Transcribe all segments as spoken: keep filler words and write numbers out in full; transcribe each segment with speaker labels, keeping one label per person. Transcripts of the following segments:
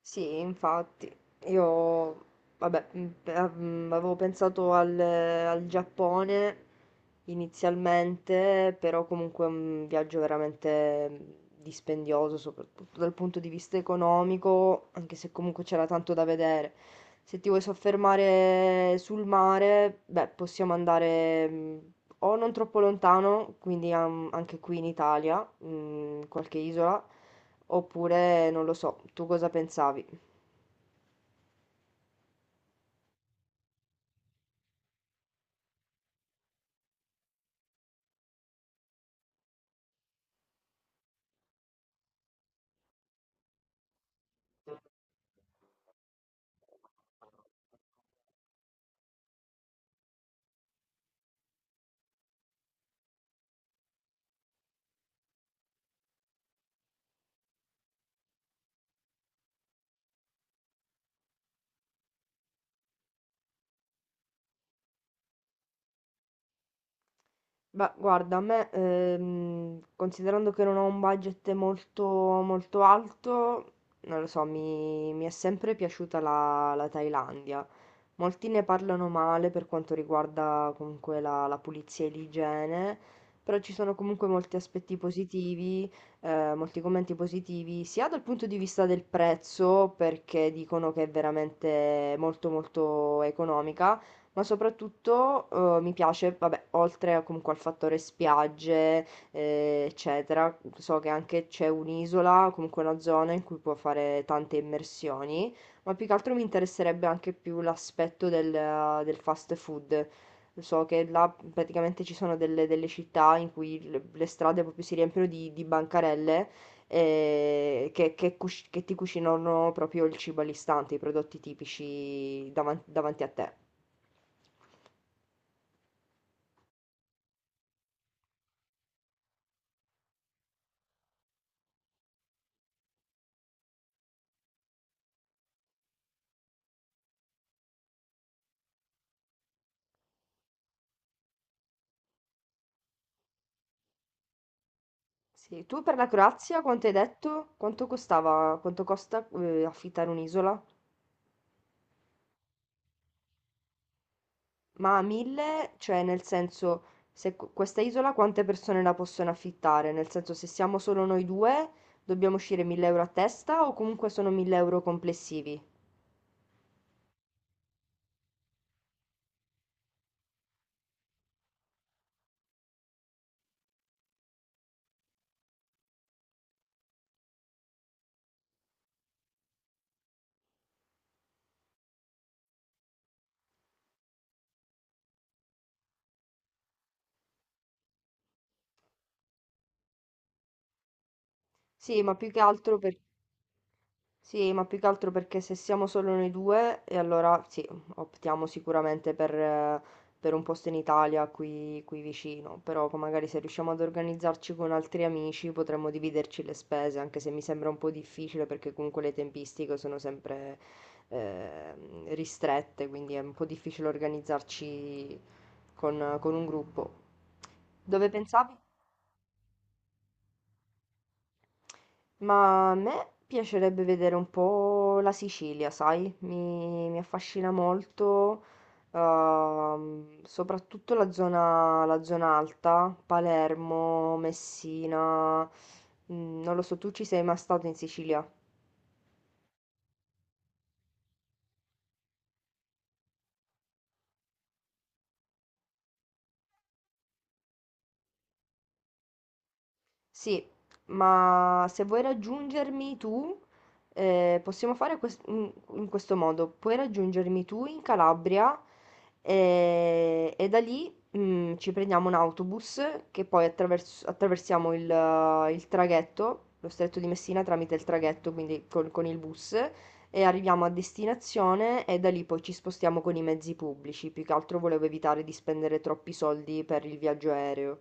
Speaker 1: Sì, infatti, io, vabbè, mm, pe- mm, avevo pensato al, al Giappone inizialmente, però comunque è un viaggio veramente mm, dispendioso, soprattutto dal punto di vista economico, anche se comunque c'era tanto da vedere. Se ti vuoi soffermare sul mare, beh, possiamo andare mm, o non troppo lontano, quindi am- anche qui in Italia, mm, qualche isola. Oppure non lo so, tu cosa pensavi? Beh, guarda, a me, ehm, considerando che non ho un budget molto, molto alto, non lo so, mi, mi è sempre piaciuta la, la Thailandia. Molti ne parlano male per quanto riguarda comunque la, la pulizia e l'igiene, però ci sono comunque molti aspetti positivi, eh, molti commenti positivi, sia dal punto di vista del prezzo, perché dicono che è veramente molto molto economica, ma soprattutto, uhm, mi piace, vabbè, oltre a comunque al fattore spiagge, ehm, eccetera, so che anche c'è un'isola, comunque una zona in cui può fare tante immersioni, ma più che altro mi interesserebbe anche più l'aspetto del del fast food. So che là praticamente ci sono delle delle città in cui il le strade proprio si riempiono di di bancarelle, ehm, che che cusc che ti cucinano proprio il cibo all'istante, i prodotti tipici davan davanti a te. Sì, tu per la Croazia quanto hai detto? Quanto costava, quanto costa eh, affittare un'isola? Ma a mille, cioè nel senso, se qu- questa isola quante persone la possono affittare? Nel senso, se siamo solo noi due, dobbiamo uscire mille euro a testa o comunque sono mille euro complessivi? Sì, ma più che altro per Sì, ma più che altro perché se siamo solo noi due, e allora sì, optiamo sicuramente per, eh, per un posto in Italia qui, qui vicino, però poi magari se riusciamo ad organizzarci con altri amici potremmo dividerci le spese, anche se mi sembra un po' difficile perché comunque le tempistiche sono sempre eh, ristrette, quindi è un po' difficile organizzarci con, con un gruppo. Dove pensavi? Ma a me piacerebbe vedere un po' la Sicilia, sai? Mi, mi affascina molto, ehm, soprattutto la zona, la zona alta, Palermo, Messina. mm, Non lo so, tu ci sei mai stato in Sicilia? Sì, ma se vuoi raggiungermi tu, eh, possiamo fare quest- in, in questo modo. Puoi raggiungermi tu in Calabria eh, e da lì mm, ci prendiamo un autobus che poi attravers- attraversiamo il, eh, il traghetto, lo stretto di Messina tramite il traghetto, quindi col- con il bus, e arriviamo a destinazione e da lì poi ci spostiamo con i mezzi pubblici. Più che altro volevo evitare di spendere troppi soldi per il viaggio aereo.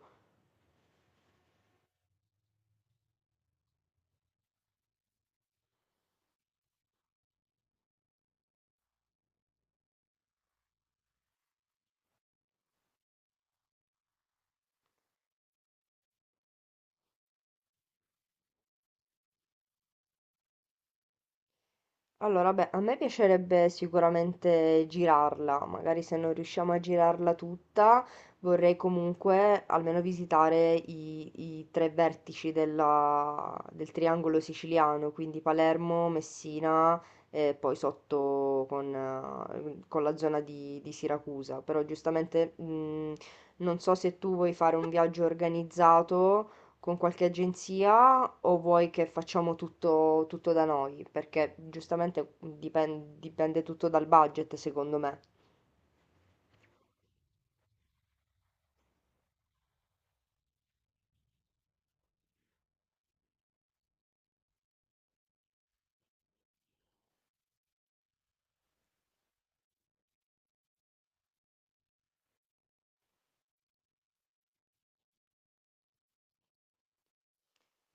Speaker 1: Allora, beh, a me piacerebbe sicuramente girarla, magari se non riusciamo a girarla tutta, vorrei comunque almeno visitare i, i tre vertici della- del triangolo siciliano, quindi Palermo, Messina e poi sotto con, eh, con la zona di, di Siracusa. Però giustamente mh, non so se tu vuoi fare un viaggio organizzato con qualche agenzia o vuoi che facciamo tutto, tutto da noi? Perché giustamente dipen- dipende tutto dal budget, secondo me.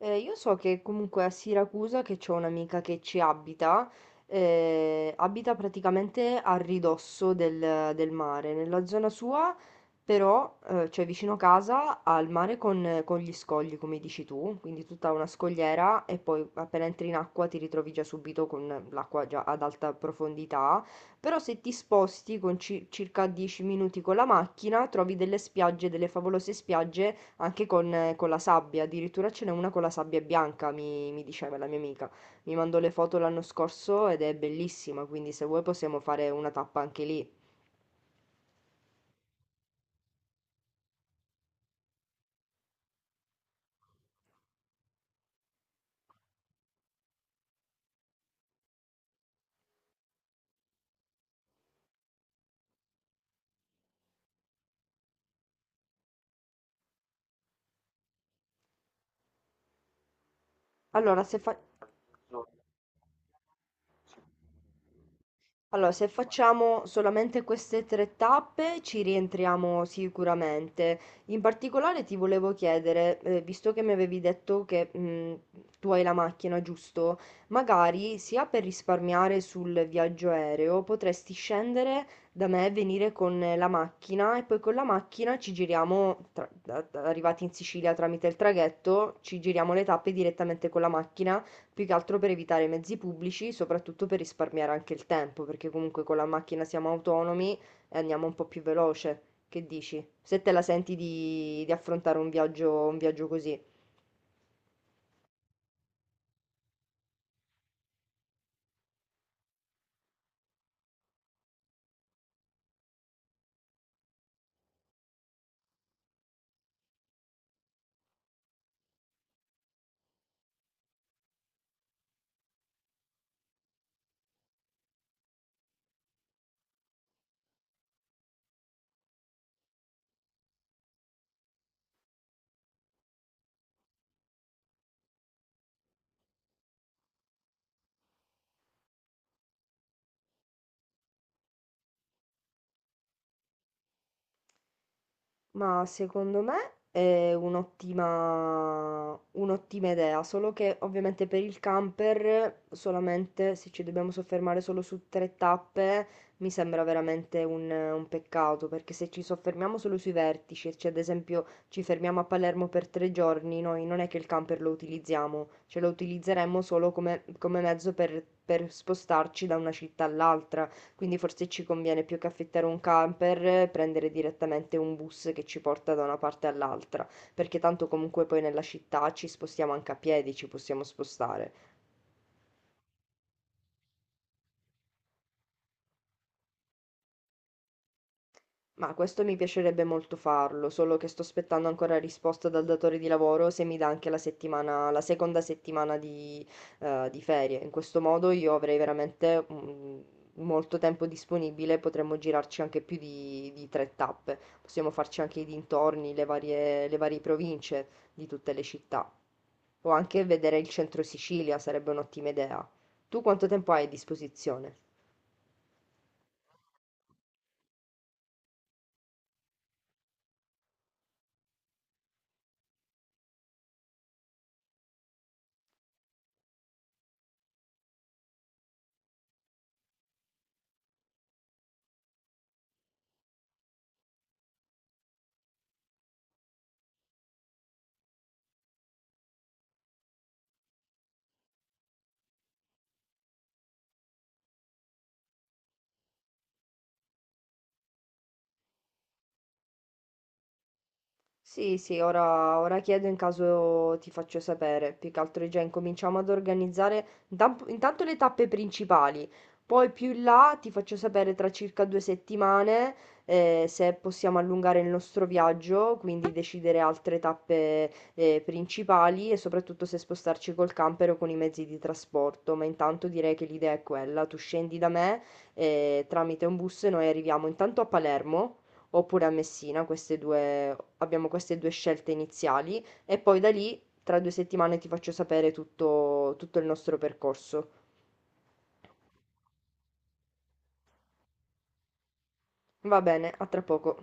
Speaker 1: Eh, io so che comunque a Siracusa, che c'ho un'amica che ci abita, eh, abita praticamente a ridosso del, del mare, nella zona sua, però, eh, cioè vicino casa, al mare con, con gli scogli, come dici tu, quindi tutta una scogliera e poi appena entri in acqua ti ritrovi già subito con l'acqua già ad alta profondità, però se ti sposti con ci- circa dieci minuti con la macchina, trovi delle spiagge, delle favolose spiagge anche con, eh, con la sabbia, addirittura ce n'è una con la sabbia bianca, mi, mi diceva la mia amica. Mi mandò le foto l'anno scorso ed è bellissima, quindi se vuoi possiamo fare una tappa anche lì. Allora, se fa- Allora, se facciamo solamente queste tre tappe ci rientriamo sicuramente. In particolare ti volevo chiedere, eh, visto che mi avevi detto che mh, tu hai la macchina, giusto? Magari sia per risparmiare sul viaggio aereo, potresti scendere da me, e venire con la macchina e poi con la macchina ci giriamo, tra- da- da- arrivati in Sicilia tramite il traghetto, ci giriamo le tappe direttamente con la macchina, più che altro per evitare i mezzi pubblici, soprattutto per risparmiare anche il tempo, perché comunque con la macchina siamo autonomi e andiamo un po' più veloce. Che dici? Se te la senti di, di affrontare un viaggio, un viaggio così. Ma secondo me è un'ottima un'ottima idea, solo che ovviamente per il camper solamente se ci dobbiamo soffermare solo su tre tappe mi sembra veramente un, un peccato, perché se ci soffermiamo solo sui vertici, cioè ad esempio ci fermiamo a Palermo per tre giorni, noi non è che il camper lo utilizziamo, cioè lo utilizzeremmo solo come, come mezzo per per spostarci da una città all'altra, quindi forse ci conviene più che affittare un camper, prendere direttamente un bus che ci porta da una parte all'altra, perché tanto comunque poi nella città ci spostiamo anche a piedi, ci possiamo spostare. Ma questo mi piacerebbe molto farlo, solo che sto aspettando ancora risposta dal datore di lavoro se mi dà anche la settimana, la seconda settimana di, eh, di ferie. In questo modo io avrei veramente mm, molto tempo disponibile, potremmo girarci anche più di, di tre tappe. Possiamo farci anche i dintorni, le varie, le varie province di tutte le città. O anche vedere il centro Sicilia sarebbe un'ottima idea. Tu quanto tempo hai a disposizione? Sì, sì, ora, ora chiedo in caso ti faccio sapere. Più che altro già incominciamo ad organizzare intam- intanto le tappe principali. Poi più in là ti faccio sapere tra circa due settimane eh, se possiamo allungare il nostro viaggio, quindi decidere altre tappe eh, principali e soprattutto se spostarci col camper o con i mezzi di trasporto. Ma intanto direi che l'idea è quella. Tu scendi da me eh, tramite un bus e noi arriviamo intanto a Palermo oppure a Messina, queste due, abbiamo queste due scelte iniziali e poi da lì tra due settimane ti faccio sapere tutto, tutto il nostro percorso. Va bene, a tra poco.